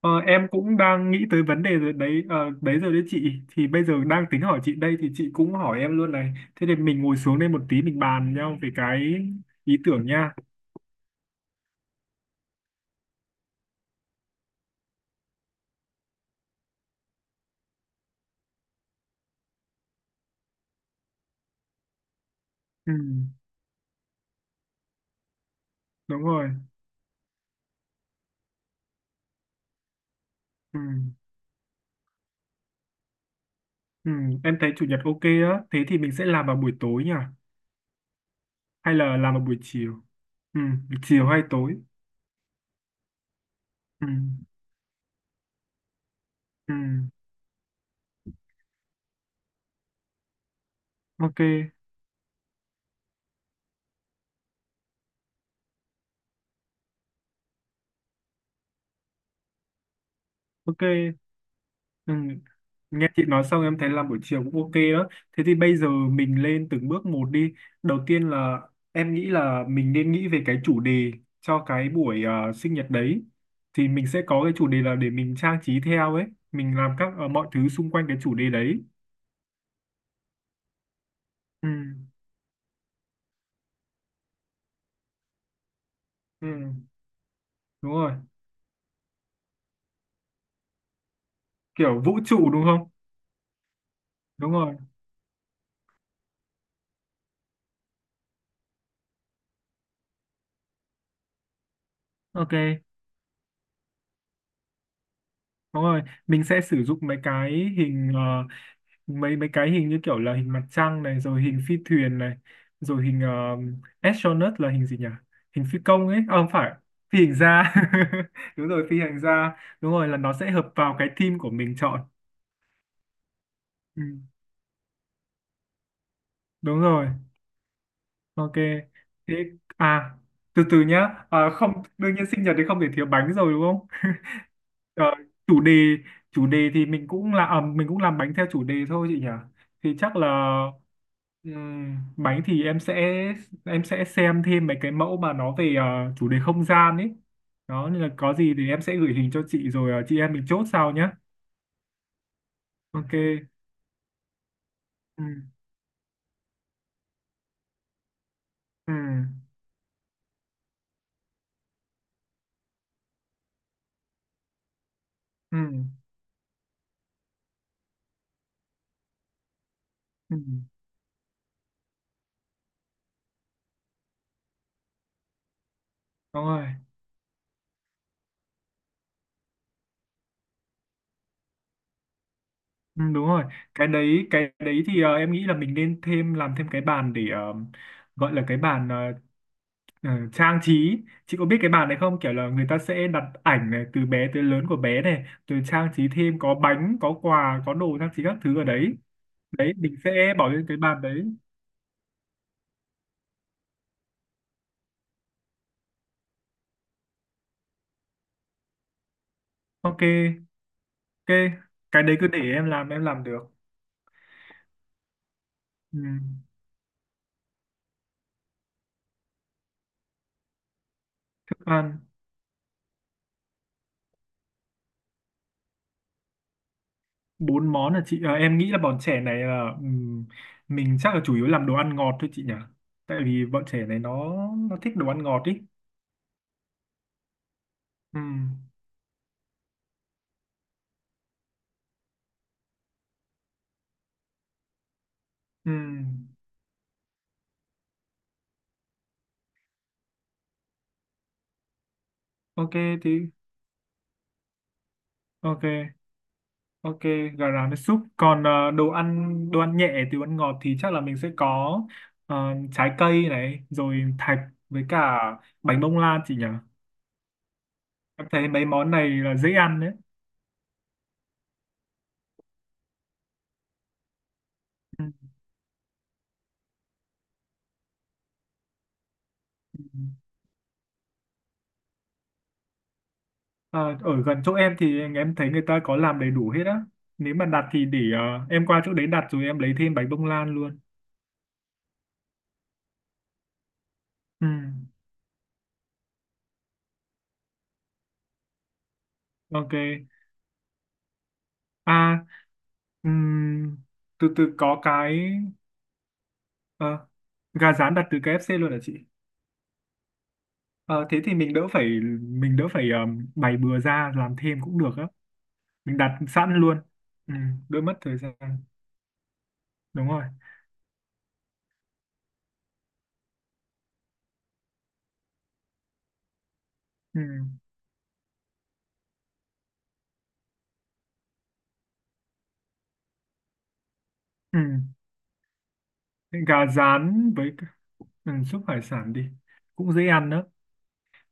Ờ, em cũng đang nghĩ tới vấn đề rồi đấy ờ, đấy rồi đấy chị Thì bây giờ đang tính hỏi chị đây thì chị cũng hỏi em luôn này. Thế thì mình ngồi xuống đây một tí mình bàn nhau về cái ý tưởng nha. ừ, Đúng rồi. ừ, ừ, em thấy chủ nhật ok á, thế thì mình sẽ làm vào buổi tối nhỉ, hay là làm vào buổi chiều? ừ, Chiều hay tối? ừ, ừ, ok. Ok. Ừ. Nghe chị nói xong em thấy làm buổi chiều cũng ok đó. Thế thì bây giờ mình lên từng bước một đi. Đầu tiên là em nghĩ là mình nên nghĩ về cái chủ đề cho cái buổi sinh nhật đấy. Thì mình sẽ có cái chủ đề là để mình trang trí theo ấy. Mình làm các mọi thứ xung quanh cái chủ đề đấy. Ừ, ừ, Đúng rồi. Kiểu vũ trụ đúng không? Đúng rồi. Ok. Đúng rồi, mình sẽ sử dụng mấy cái hình mấy mấy cái hình như kiểu là hình mặt trăng này, rồi hình phi thuyền này, rồi hình astronaut là hình gì nhỉ? Hình phi công ấy, à, không phải, phi hành gia. Đúng rồi, phi hành gia. Đúng rồi, là nó sẽ hợp vào cái team của mình chọn. Ừ, đúng rồi. Ok. Thế à, từ từ nhá. À, không, đương nhiên sinh nhật thì không thể thiếu bánh rồi đúng không? Ờ, chủ đề chủ đề thì mình cũng là à, mình cũng làm bánh theo chủ đề thôi chị nhỉ. Thì chắc là bánh thì em sẽ xem thêm mấy cái mẫu mà nó về chủ đề không gian ấy. Đó nên là có gì thì em sẽ gửi hình cho chị rồi chị em mình chốt sau nhá. Ok. Ừ. Ừ. Ừ. Ừ. Đúng rồi. Ừ, đúng rồi, cái đấy thì em nghĩ là mình nên thêm làm thêm cái bàn để gọi là cái bàn trang trí. Chị có biết cái bàn này không, kiểu là người ta sẽ đặt ảnh này từ bé tới lớn của bé này rồi trang trí thêm có bánh có quà có đồ trang trí các thứ ở đấy, đấy mình sẽ bỏ lên cái bàn đấy. Ok. Ok, cái đấy cứ để em làm, em làm được. Ừ. Thức ăn. Bốn món là chị em nghĩ là bọn trẻ này là mình chắc là chủ yếu làm đồ ăn ngọt thôi chị nhỉ, tại vì bọn trẻ này nó thích đồ ăn ngọt ý. Ừm, ừm. Ok thì ok. Ok, gà rán với súp, còn đồ ăn nhẹ từ ăn ngọt thì chắc là mình sẽ có ờ, trái cây này, rồi thạch, với cả bánh bông lan chị nhỉ. Em thấy mấy món này là dễ ăn đấy. Ờ, ở gần chỗ em thì em thấy người ta có làm đầy đủ hết á. Nếu mà đặt thì để em qua chỗ đấy đặt rồi em lấy thêm bánh bông lan luôn. Ừ, ok. À, ừm, từ từ có cái ờ, gà rán đặt từ KFC luôn hả chị? Ờ, thế thì mình đỡ phải bày bừa ra làm thêm cũng được á. Mình đặt sẵn luôn. Ừ, đỡ mất thời gian. Đúng rồi. Ừ, ừ. Gà rán với cả- ừ, súp hải sản đi. Cũng dễ ăn đó.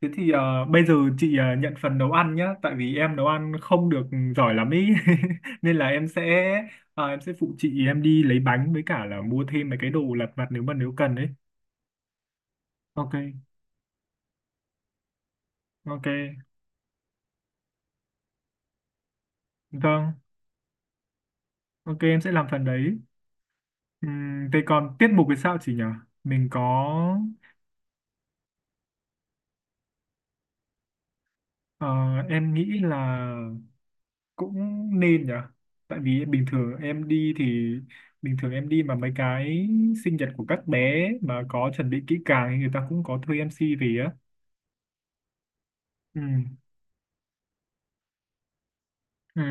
Thế thì bây giờ chị nhận phần nấu ăn nhá, tại vì em nấu ăn không được giỏi lắm ý, nên là em sẽ em sẽ phụ chị, em đi lấy bánh với cả là mua thêm mấy cái đồ lặt vặt nếu mà nếu cần ấy. Ok, ok, vâng, ok em sẽ làm phần đấy. Thế còn tiết mục thì sao chị nhỉ? Mình có, ờ, em nghĩ là cũng nên nhở, tại vì bình thường em đi thì bình thường em đi mà mấy cái sinh nhật của các bé mà có chuẩn bị kỹ càng thì người ta cũng có thuê MC về á. Ừ. Ừ.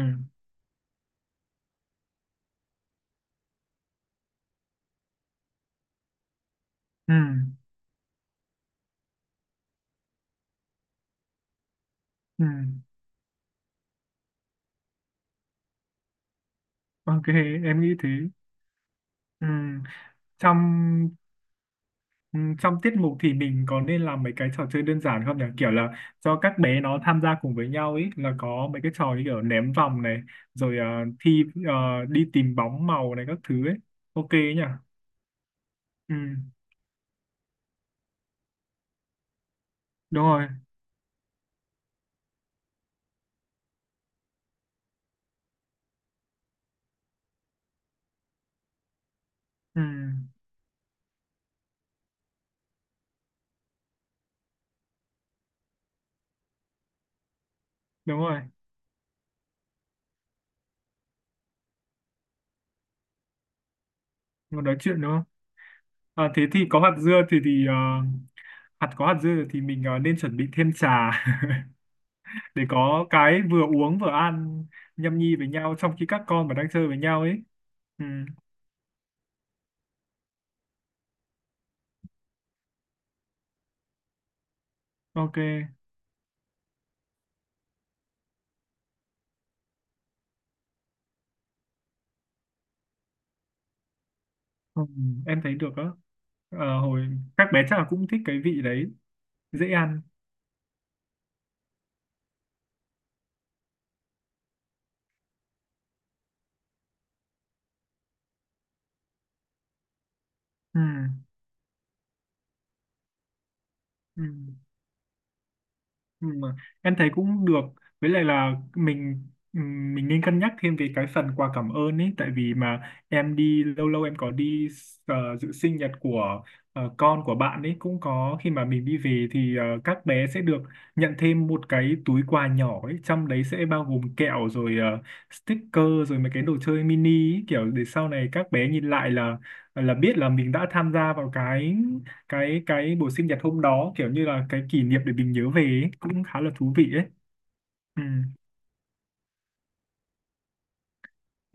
Ừ. Ừ. Ok, em nghĩ thế. Ừ, trong ừ, trong tiết mục thì mình có nên làm mấy cái trò chơi đơn giản không nhỉ, kiểu là cho các bé nó tham gia cùng với nhau ấy, là có mấy cái trò như kiểu ném vòng này, rồi thi đi tìm bóng màu này các thứ ấy, ok ấy nhỉ? Ừ, đúng rồi. Ừ, đúng rồi, một nói chuyện đúng không? À, thế thì có hạt dưa thì hạt có hạt dưa thì mình nên chuẩn bị thêm trà để có cái vừa uống vừa ăn nhâm nhi với nhau trong khi các con mà đang chơi với nhau ấy. Ừ, ok, ừ, em thấy được á. Ờ, hồi các bé chắc là cũng thích cái vị đấy, dễ ăn. Ừ, ừ. Ừ, mà em thấy cũng được, với lại là mình nên cân nhắc thêm về cái phần quà cảm ơn ấy, tại vì mà em đi lâu lâu em có đi dự sinh nhật của con của bạn ấy, cũng có khi mà mình đi về thì các bé sẽ được nhận thêm một cái túi quà nhỏ ấy, trong đấy sẽ bao gồm kẹo rồi sticker rồi mấy cái đồ chơi mini ấy, kiểu để sau này các bé nhìn lại là biết là mình đã tham gia vào cái cái buổi sinh nhật hôm đó, kiểu như là cái kỷ niệm để mình nhớ về ấy, cũng khá là thú vị ấy. Ừ.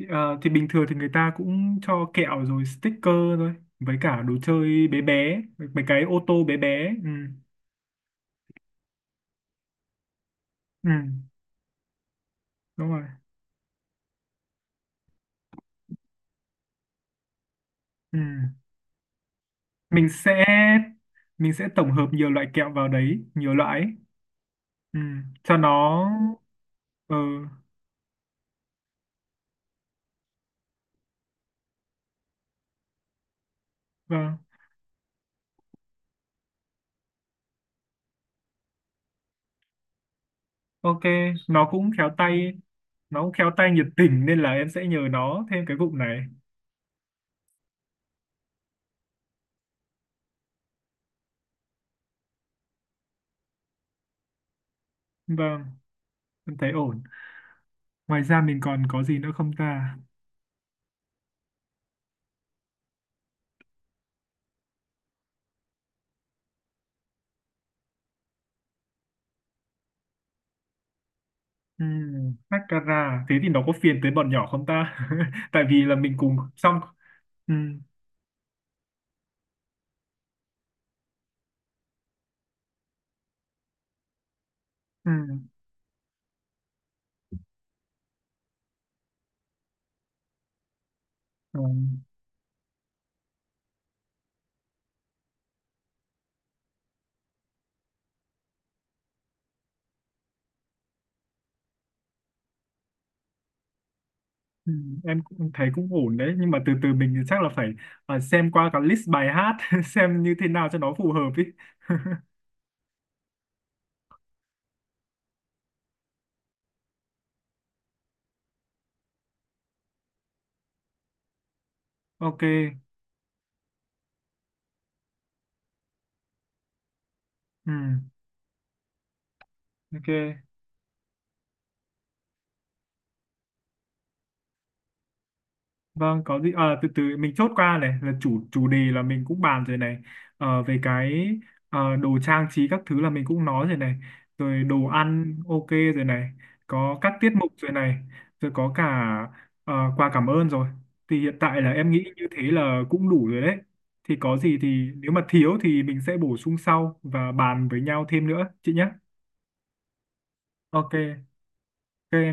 Ờ, thì bình thường thì người ta cũng cho kẹo rồi sticker thôi, với cả đồ chơi bé bé, mấy cái ô tô bé bé. Ừ. Ừ. Đúng rồi. Ừ. Mình sẽ mình sẽ tổng hợp nhiều loại kẹo vào đấy, nhiều loại ấy. Ừ. Cho nó ừ. Vâng, ok, nó cũng khéo tay, nó cũng khéo tay nhiệt tình nên là em sẽ nhờ nó thêm cái vụ này. Vâng, em thấy ổn. Ngoài ra mình còn có gì nữa không ta? Mascara. Thế thì nó có phiền tới bọn nhỏ không ta? Tại vì là mình cùng xong. Ừm, ừm, ừm, Em cũng thấy cũng ổn đấy. Nhưng mà từ từ mình chắc là phải xem qua cả list bài hát. Xem như thế nào cho nó phù hợp ý. Ok. Ừm, ok. Vâng, có gì à, từ từ mình chốt qua này là chủ chủ đề là mình cũng bàn rồi này. Ờ, về cái đồ trang trí các thứ là mình cũng nói rồi này, rồi đồ ăn ok rồi này, có các tiết mục rồi này, rồi có cả quà cảm ơn rồi, thì hiện tại là em nghĩ như thế là cũng đủ rồi đấy, thì có gì thì nếu mà thiếu thì mình sẽ bổ sung sau và bàn với nhau thêm nữa chị nhé. Ok. Ok.